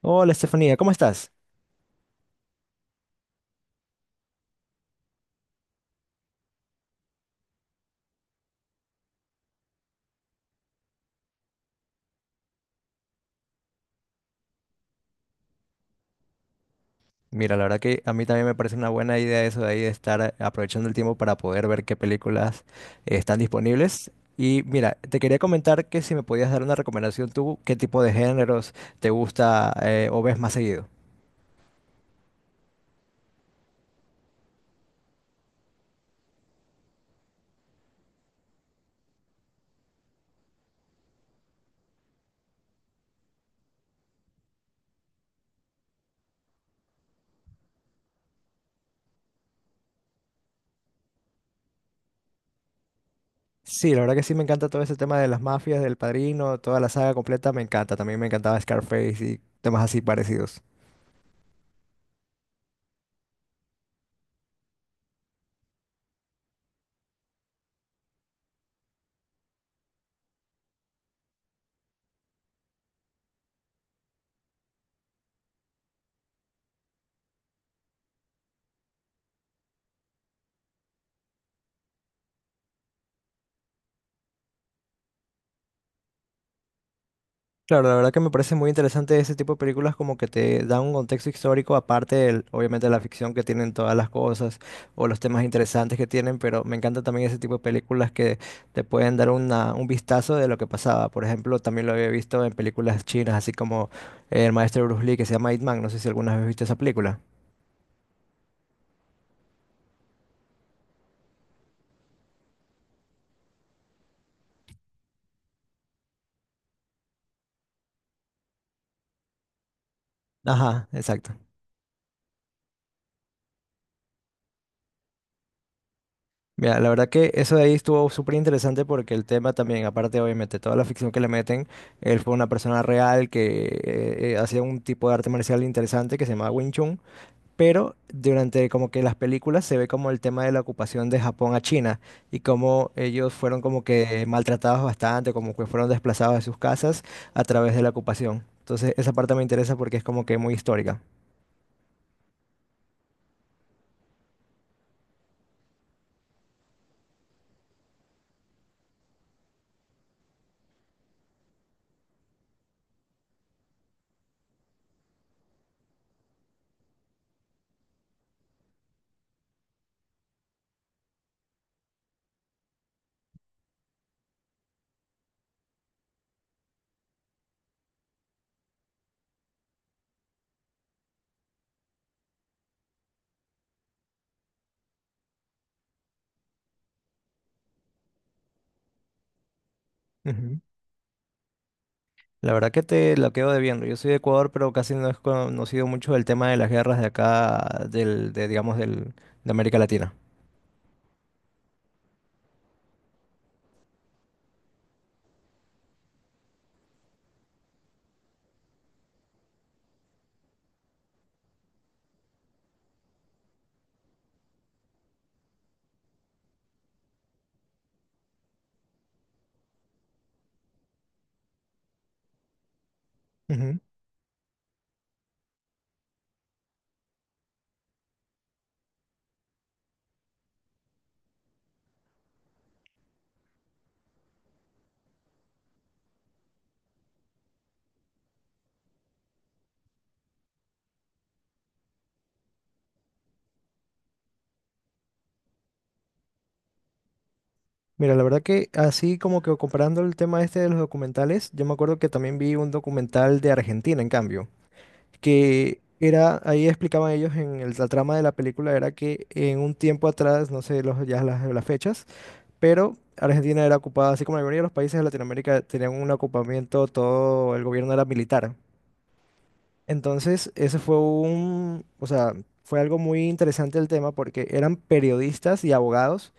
Hola Estefanía, ¿cómo estás? Mira, la verdad que a mí también me parece una buena idea eso de ahí de estar aprovechando el tiempo para poder ver qué películas están disponibles. Y mira, te quería comentar que si me podías dar una recomendación tú, qué tipo de géneros te gusta o ves más seguido. Sí, la verdad que sí me encanta todo ese tema de las mafias, del Padrino, toda la saga completa me encanta. También me encantaba Scarface y temas así parecidos. Claro, la verdad que me parece muy interesante ese tipo de películas como que te dan un contexto histórico aparte del, obviamente, de la ficción que tienen todas las cosas o los temas interesantes que tienen, pero me encanta también ese tipo de películas que te pueden dar una, un vistazo de lo que pasaba. Por ejemplo, también lo había visto en películas chinas, así como el maestro Bruce Lee que se llama Ip Man, no sé si alguna vez viste esa película. Ajá, exacto. Mira, la verdad que eso de ahí estuvo súper interesante porque el tema también, aparte obviamente toda la ficción que le meten, él fue una persona real que hacía un tipo de arte marcial interesante que se llamaba Wing Chun, pero durante como que las películas se ve como el tema de la ocupación de Japón a China y cómo ellos fueron como que maltratados bastante, como que fueron desplazados de sus casas a través de la ocupación. Entonces esa parte me interesa porque es como que muy histórica. Ujú. La verdad que te la quedo debiendo. Yo soy de Ecuador, pero casi no he conocido mucho el tema de las guerras de acá, del, de, digamos, del, de América Latina. Ujú. Mira, la verdad que así como que comparando el tema este de los documentales, yo me acuerdo que también vi un documental de Argentina, en cambio, que era, ahí explicaban ellos en el- la trama de la película, era que en un tiempo atrás, no sé los, ya las fechas, pero Argentina era ocupada, así como la mayoría de los países de Latinoamérica tenían un ocupamiento, todo el gobierno era militar. Entonces, ese fue un, o sea, fue algo muy interesante el tema porque eran periodistas y abogados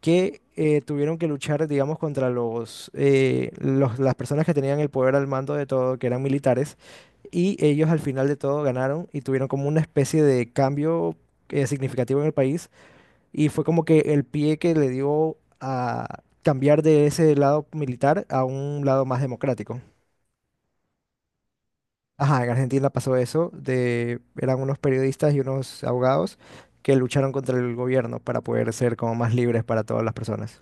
que tuvieron que luchar, digamos, contra los- las personas que tenían el poder al mando de todo, que eran militares, y ellos al final de todo ganaron y tuvieron como una especie de cambio significativo en el país y fue como que el pie que le dio a cambiar de ese lado militar a un lado más democrático. Ajá, en Argentina pasó eso, de, eran unos periodistas y unos abogados que lucharon contra el gobierno para poder ser como más libres para todas las personas.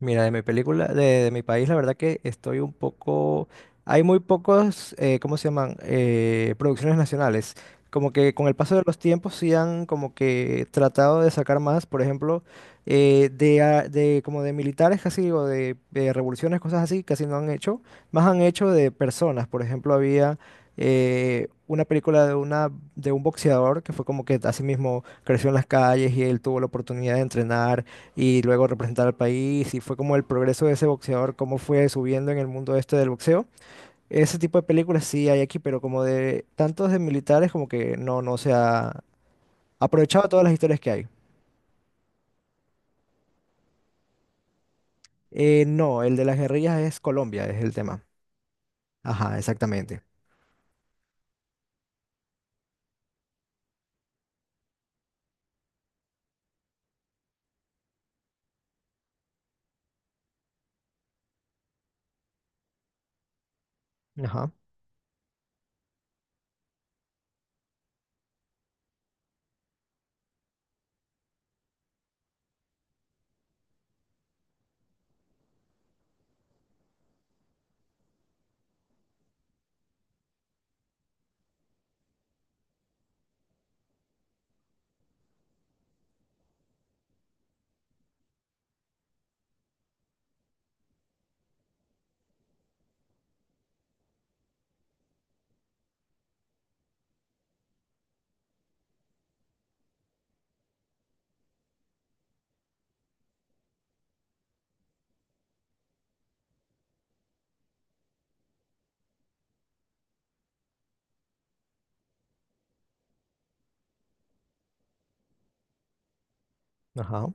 Mira, de mi película, de mi país, la verdad que estoy un poco... Hay muy pocos, ¿cómo se llaman? Producciones nacionales. Como que con el paso de los tiempos sí han como que tratado de sacar más, por ejemplo, de, a- de como de militares casi o de revoluciones, cosas así, casi no han hecho. Más han hecho de personas. Por ejemplo, había una película de, una, de un boxeador que fue como que así mismo creció en las calles y él tuvo la oportunidad de entrenar y luego representar al país y fue como el progreso de ese boxeador, cómo fue subiendo en el mundo este del boxeo. Ese tipo de películas sí hay aquí, pero como de tantos de militares como que no, no se ha aprovechado todas las historias que hay. No, el de las guerrillas es Colombia, es el tema. Ajá, exactamente. Ajá, ajá.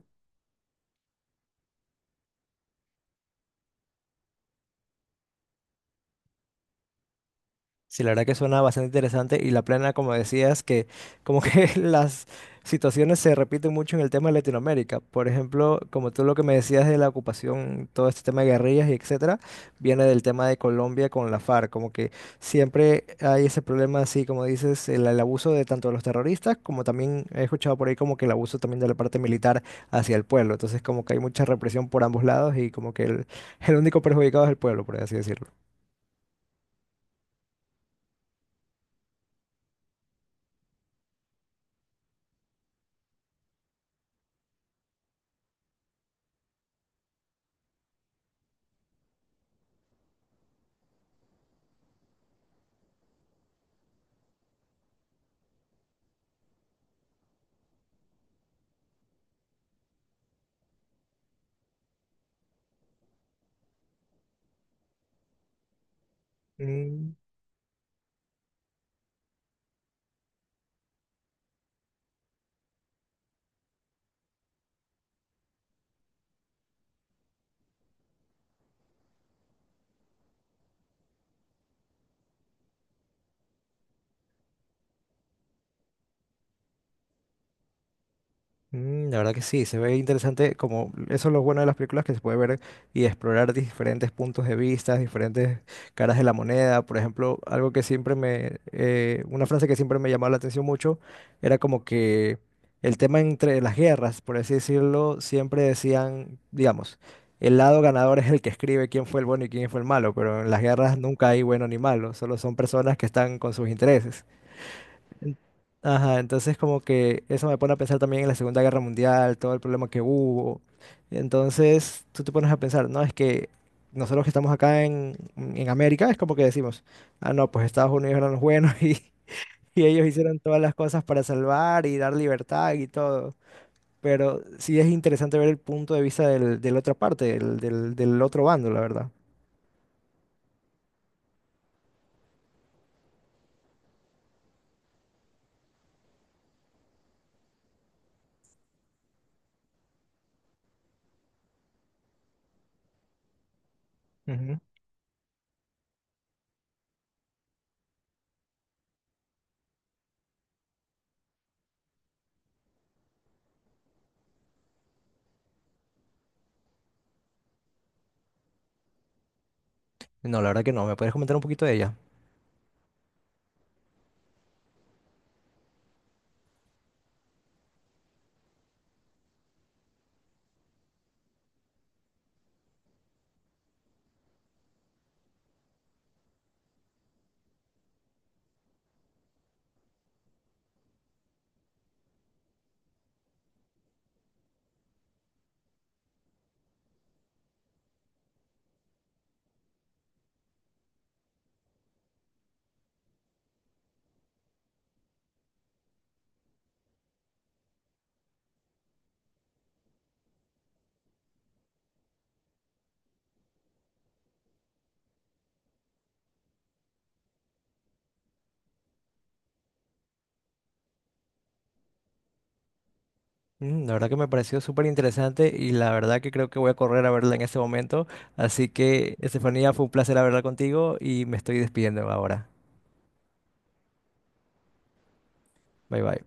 Sí, la verdad que suena bastante interesante y la plena, como decías, que como que las situaciones se repiten mucho en el tema de Latinoamérica. Por ejemplo, como tú lo que me decías de la ocupación, todo este tema de guerrillas y etcétera, viene del tema de Colombia con la FARC. Como que siempre hay ese problema, así como dices, el abuso de tanto de los terroristas como también he escuchado por ahí como que el abuso también de la parte militar hacia el pueblo. Entonces, como que hay mucha represión por ambos lados y como que el único perjudicado es el pueblo, por así decirlo. Mm, la verdad que sí, se ve interesante como eso es lo bueno de las películas que se puede ver y explorar diferentes puntos de vista, diferentes caras de la moneda. Por ejemplo, algo que siempre me, una frase que siempre me llamaba la atención mucho era como que el tema entre las guerras, por así decirlo, siempre decían, digamos, el lado ganador es el que escribe quién fue el bueno y quién fue el malo, pero en las guerras nunca hay bueno ni malo, solo son personas que están con sus intereses. Ajá, entonces como que eso me pone a pensar también en la Segunda Guerra Mundial, todo el problema que hubo. Entonces tú te pones a pensar, no, es que nosotros que estamos acá en América es como que decimos, ah, no, pues Estados Unidos eran los buenos y ellos hicieron todas las cosas para salvar y dar libertad y todo. Pero sí es interesante ver el punto de vista del, de la otra parte, del, del, del otro bando, la verdad. Ujú. No, la verdad que no. ¿Me puedes comentar un poquito de ella? Mm, la verdad que me pareció súper interesante y la verdad que creo que voy a correr a verla en ese momento. Así que, Estefanía, fue un placer hablar contigo y me estoy despidiendo ahora. Bye bye.